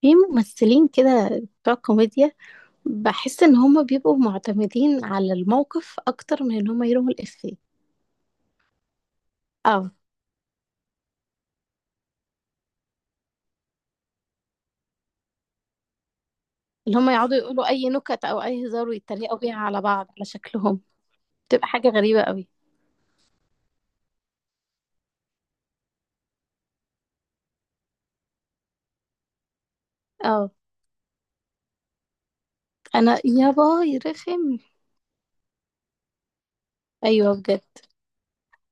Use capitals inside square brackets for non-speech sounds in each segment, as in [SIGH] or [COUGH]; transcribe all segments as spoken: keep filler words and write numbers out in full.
في ممثلين كده بتوع كوميديا، بحس ان هم بيبقوا معتمدين على الموقف اكتر من ان هم يرموا الافيه. اه، اللي هم يقعدوا يقولوا اي نكت او اي هزار ويتريقوا بيها على بعض على شكلهم. بتبقى حاجة غريبة قوي. اه، انا يابا يرخم. ايوه بجد.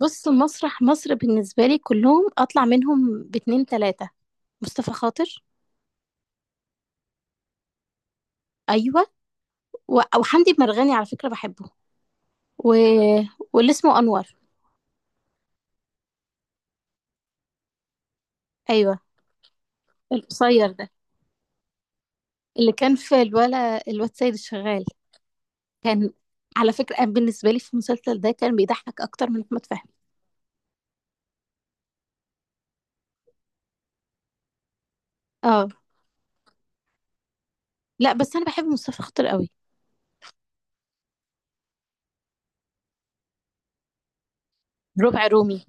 بص، مسرح مصر بالنسبة لي كلهم اطلع منهم باتنين تلاتة: مصطفى خاطر. ايوه و- وحمدي مرغني على فكرة بحبه. و... واللي اسمه انور. ايوه، القصير ده اللي كان في الولا الواد سيد الشغال. كان، على فكرة أنا بالنسبة لي في المسلسل ده كان بيضحك أكتر من أحمد فهمي. اه، لا بس أنا بحب مصطفى خاطر قوي. ربع رومي.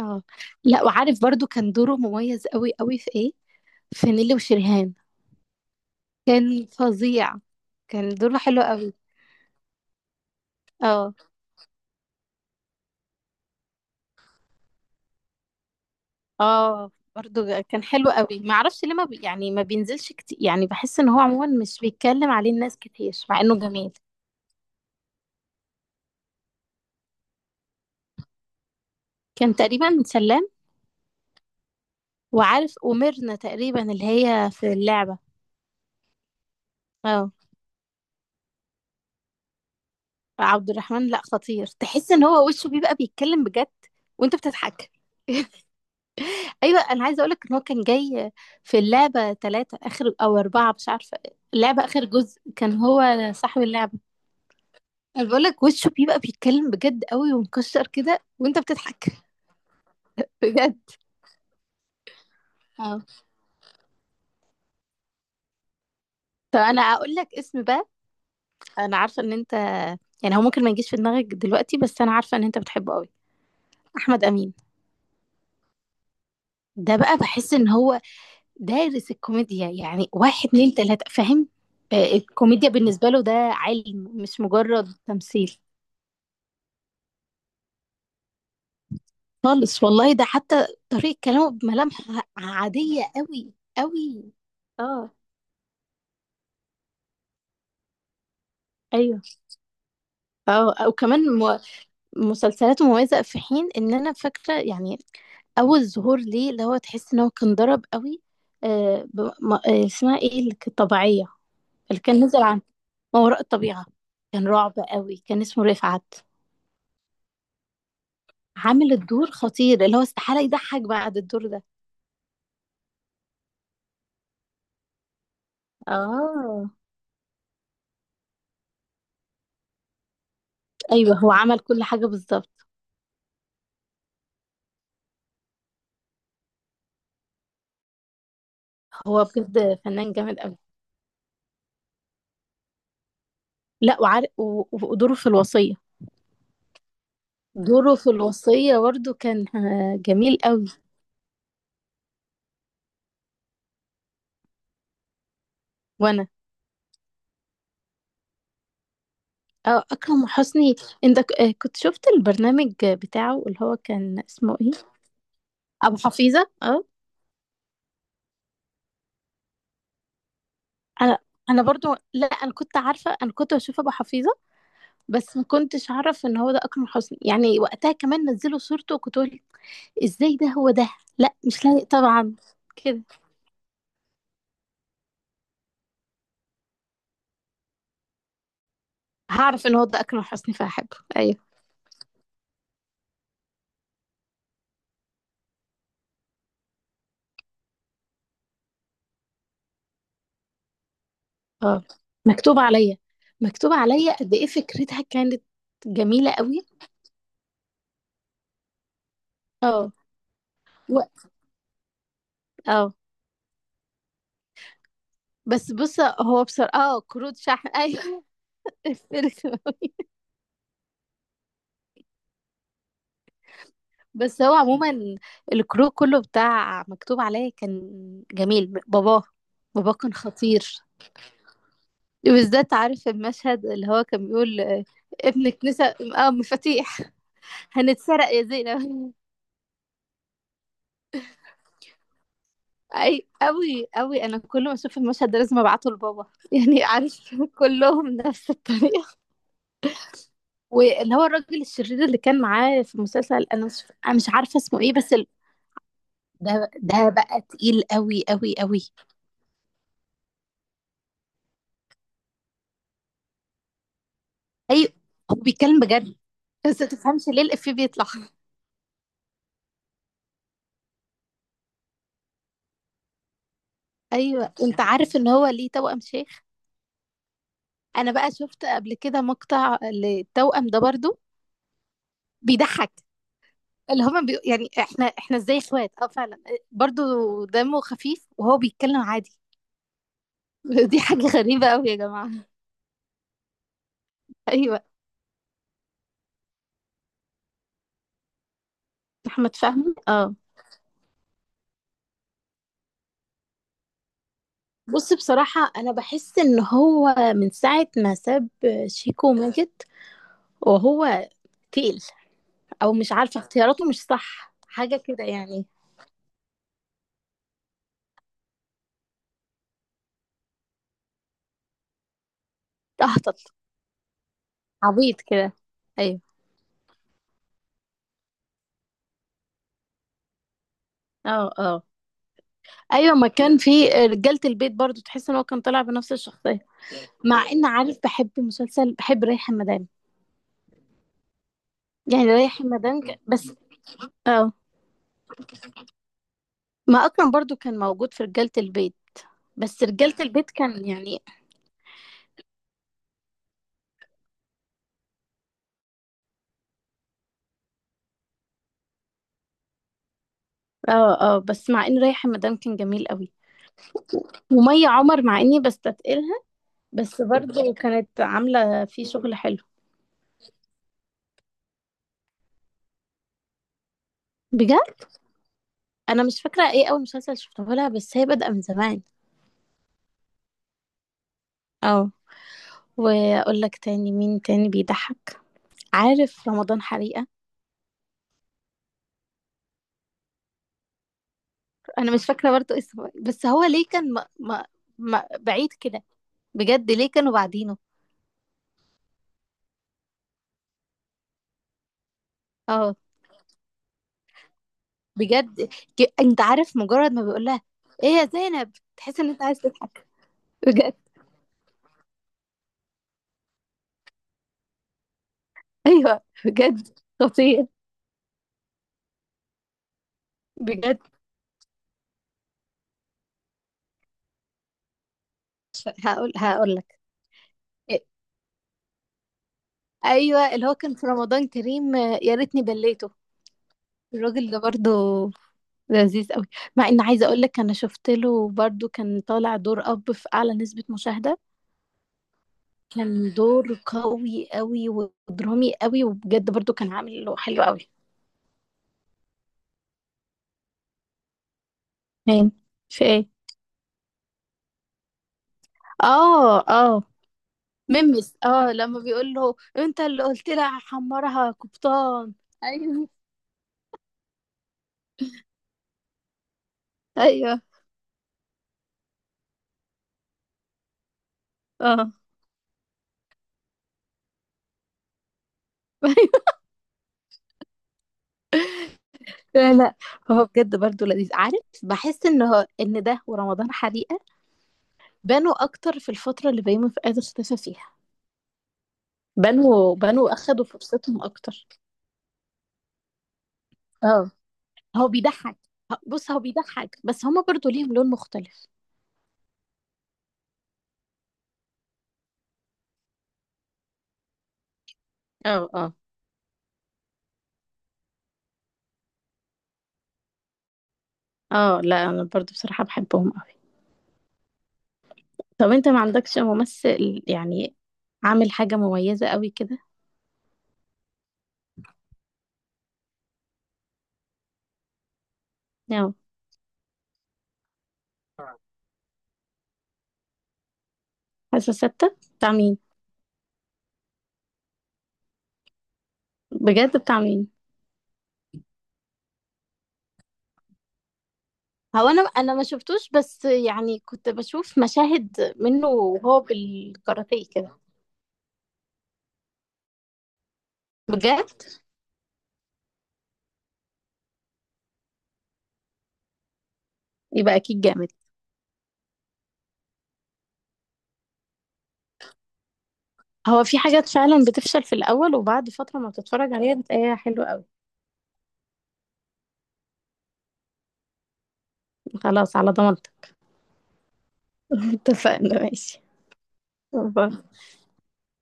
اه، لا وعارف برضو كان دوره مميز قوي قوي في إيه، في نيلي وشريهان. كان فظيع، كان دوره حلو قوي. اه، اه برضو كان حلو قوي، ما اعرفش ليه ما بي... يعني ما بينزلش كتير، يعني بحس ان هو عموما مش بيتكلم عليه الناس كتير مع انه جميل. كان تقريبا سلام. وعارف، وميرنا تقريبا اللي هي في اللعبة. اه، عبد الرحمن لا خطير، تحس ان هو وشه بيبقى بيتكلم بجد وانت بتضحك. ايوه انا عايزه اقولك ان هو كان جاي في اللعبه ثلاثه اخر او اربعه مش عارفه. اللعبه اخر جزء كان هو صاحب اللعبه. انا بقولك وشه بيبقى بيتكلم بجد قوي ومكشر كده وانت بتضحك. [LAUGHS] بجد. اه، طب انا اقول لك اسم بقى. انا عارفه ان انت، يعني هو ممكن ما يجيش في دماغك دلوقتي بس انا عارفه ان انت بتحبه قوي. احمد امين. ده بقى بحس ان هو دارس الكوميديا، يعني واحد اتنين تلاتة فاهم. آه، الكوميديا بالنسبة له ده علم مش مجرد تمثيل خالص. والله ده حتى طريقة كلامه بملامح عادية قوي قوي. اه، ايوه اه وكمان م- مسلسلاته مميزة، في حين ان انا فاكرة يعني اول ظهور ليه اللي هو تحس ان هو كان ضرب قوي. آه ب... ما... آه اسمها ايه اللي كانت طبيعية، اللي كان نزل عن ما وراء الطبيعة. كان رعب قوي، كان اسمه رفعت. عامل الدور خطير اللي هو استحالة يضحك بعد الدور ده. اه، ايوه هو عمل كل حاجة بالظبط. هو بجد فنان جامد قوي. لا وعارف و- ودوره في الوصية، دوره في الوصية برضه كان آه، جميل قوي. وانا آه، اكرم حسني. انت ك- آه، كنت شفت البرنامج بتاعه اللي هو كان اسمه ايه. ابو حفيظة اه. انا انا برضو، لا انا كنت عارفه، انا كنت بشوف ابو حفيظه بس ما كنتش اعرف ان هو ده اكرم حسني، يعني وقتها كمان نزلوا صورته وكنت: ازاي ده هو ده؟ لا مش لايق طبعا كده. هعرف ان هو ده اكرم حسني فهحبه ايوه. اه، مكتوب عليا، مكتوب عليا قد ايه فكرتها كانت جميله قوي. اه و... اه بس بص هو بصراحه اه كروت شحن ايوه. [LAUGHS] قفلت أوي. بس هو عموما الكرو كله بتاع مكتوب عليا كان جميل. باباه، باباه كان خطير. وبالذات عارف المشهد اللي هو كان بيقول آه، ابنك نسى، اه، مفاتيح، هنتسرق يا زينب. اي قوي قوي، انا كل ما اشوف المشهد ده لازم ابعته لبابا. [LAUGHS] يعني عارف كلهم نفس الطريقه. واللي هو الراجل الشرير اللي كان معاه في المسلسل، انا مش أنا مش عارفه اسمه ايه، بس ال- ده ده بقى تقيل قوي قوي قوي. اي هو بيتكلم بجد بس ما تفهمش ليه الإفيه بيطلع. [LAUGHS] ايوه انت عارف ان هو ليه توأم شيخ. انا بقى شفت قبل كده مقطع للتوأم ده برضو بيضحك. اللي هما بي... يعني احنا احنا ازاي اخوات، اه فعلا. برضو دمه خفيف وهو بيتكلم عادي. [LAUGHS] دي حاجة غريبة قوي يا جماعة. ايوه، احمد فهمي اه. بص بصراحة أنا بحس إن هو من ساعة ما ساب شيكو وماجد وهو تقل، أو مش عارفة اختياراته مش صح حاجة كده يعني. تهطل، عبيط كده، أيوة. اه اه أيوة، ما كان في رجالة البيت برضو تحس إن هو كان طالع بنفس الشخصية. مع إن عارف بحب مسلسل، بحب ريحان مدام، يعني رايح المدام ك... بس اه. ما اكرم برضو كان موجود في رجالة البيت، بس رجالة البيت كان يعني اه اه. بس مع ان رايح المدام كان جميل قوي، ومية عمر مع اني بستثقلها بس برضو كانت عاملة فيه شغل حلو. بجد. انا مش فاكرة ايه اول مسلسل شفته لها، بس هي بادئة من زمان. اه، واقول لك تاني، مين تاني بيضحك؟ عارف رمضان حريقة. انا مش فاكرة برضو اسمه إيه، بس هو ليه كان م... م... م... بعيد كده؟ بجد ليه كانوا بعدينه؟ اه بجد، ك- انت عارف مجرد ما بيقول لها: ايه يا زينب؟ تحس ان انت عايز تضحك بجد. [LAUGHS] ايوه بجد خطير. بجد. هقول هقول لك إيه، ايوه اللي هو كان في رمضان كريم آه، يا ريتني بليته. الراجل ده برضو لذيذ قوي. مع ان عايزه اقول لك انا شفت له برضو كان طالع دور اب في اعلى نسبه مشاهده. كان دور قوي قوي ودرامي قوي، وبجد برضو كان عامل له حلو قوي. مين؟ في ايه؟ اه اه ميمس، اه لما بيقول له: انت اللي قلت لها هحمرها يا قبطان. ايوه، ايوه اه. [LAUGHS] لا لا هو بجد برضه لذيذ. عارف بحس ان هو ان ده ورمضان حريقه بانوا اكتر في الفتره اللي بيومي فؤاد اختفى فيها. بانوا بانوا اخدوا فرصتهم اكتر. اه، هو بيضحك. بص هو بيضحك بس هما برضه ليهم لون مختلف. اه اه اه لا انا برضه بصراحه بحبهم قوي. طب انت ما عندكش ممثل يعني عامل حاجه مميزه قوي كده؟ نعم؟ حاسة ستة بتاع مين؟ بجد بتاع مين؟ هو انا انا ما شفتوش، بس يعني كنت بشوف مشاهد منه وهو بالكاراتيه كده. بجد يبقى أكيد جامد. هو في حاجات فعلا بتفشل في الأول وبعد فترة ما بتتفرج عليها بتلاقيها حلوة قوي. خلاص على ضمانتك. [LAUGHS] اتفقنا ماشي، باي.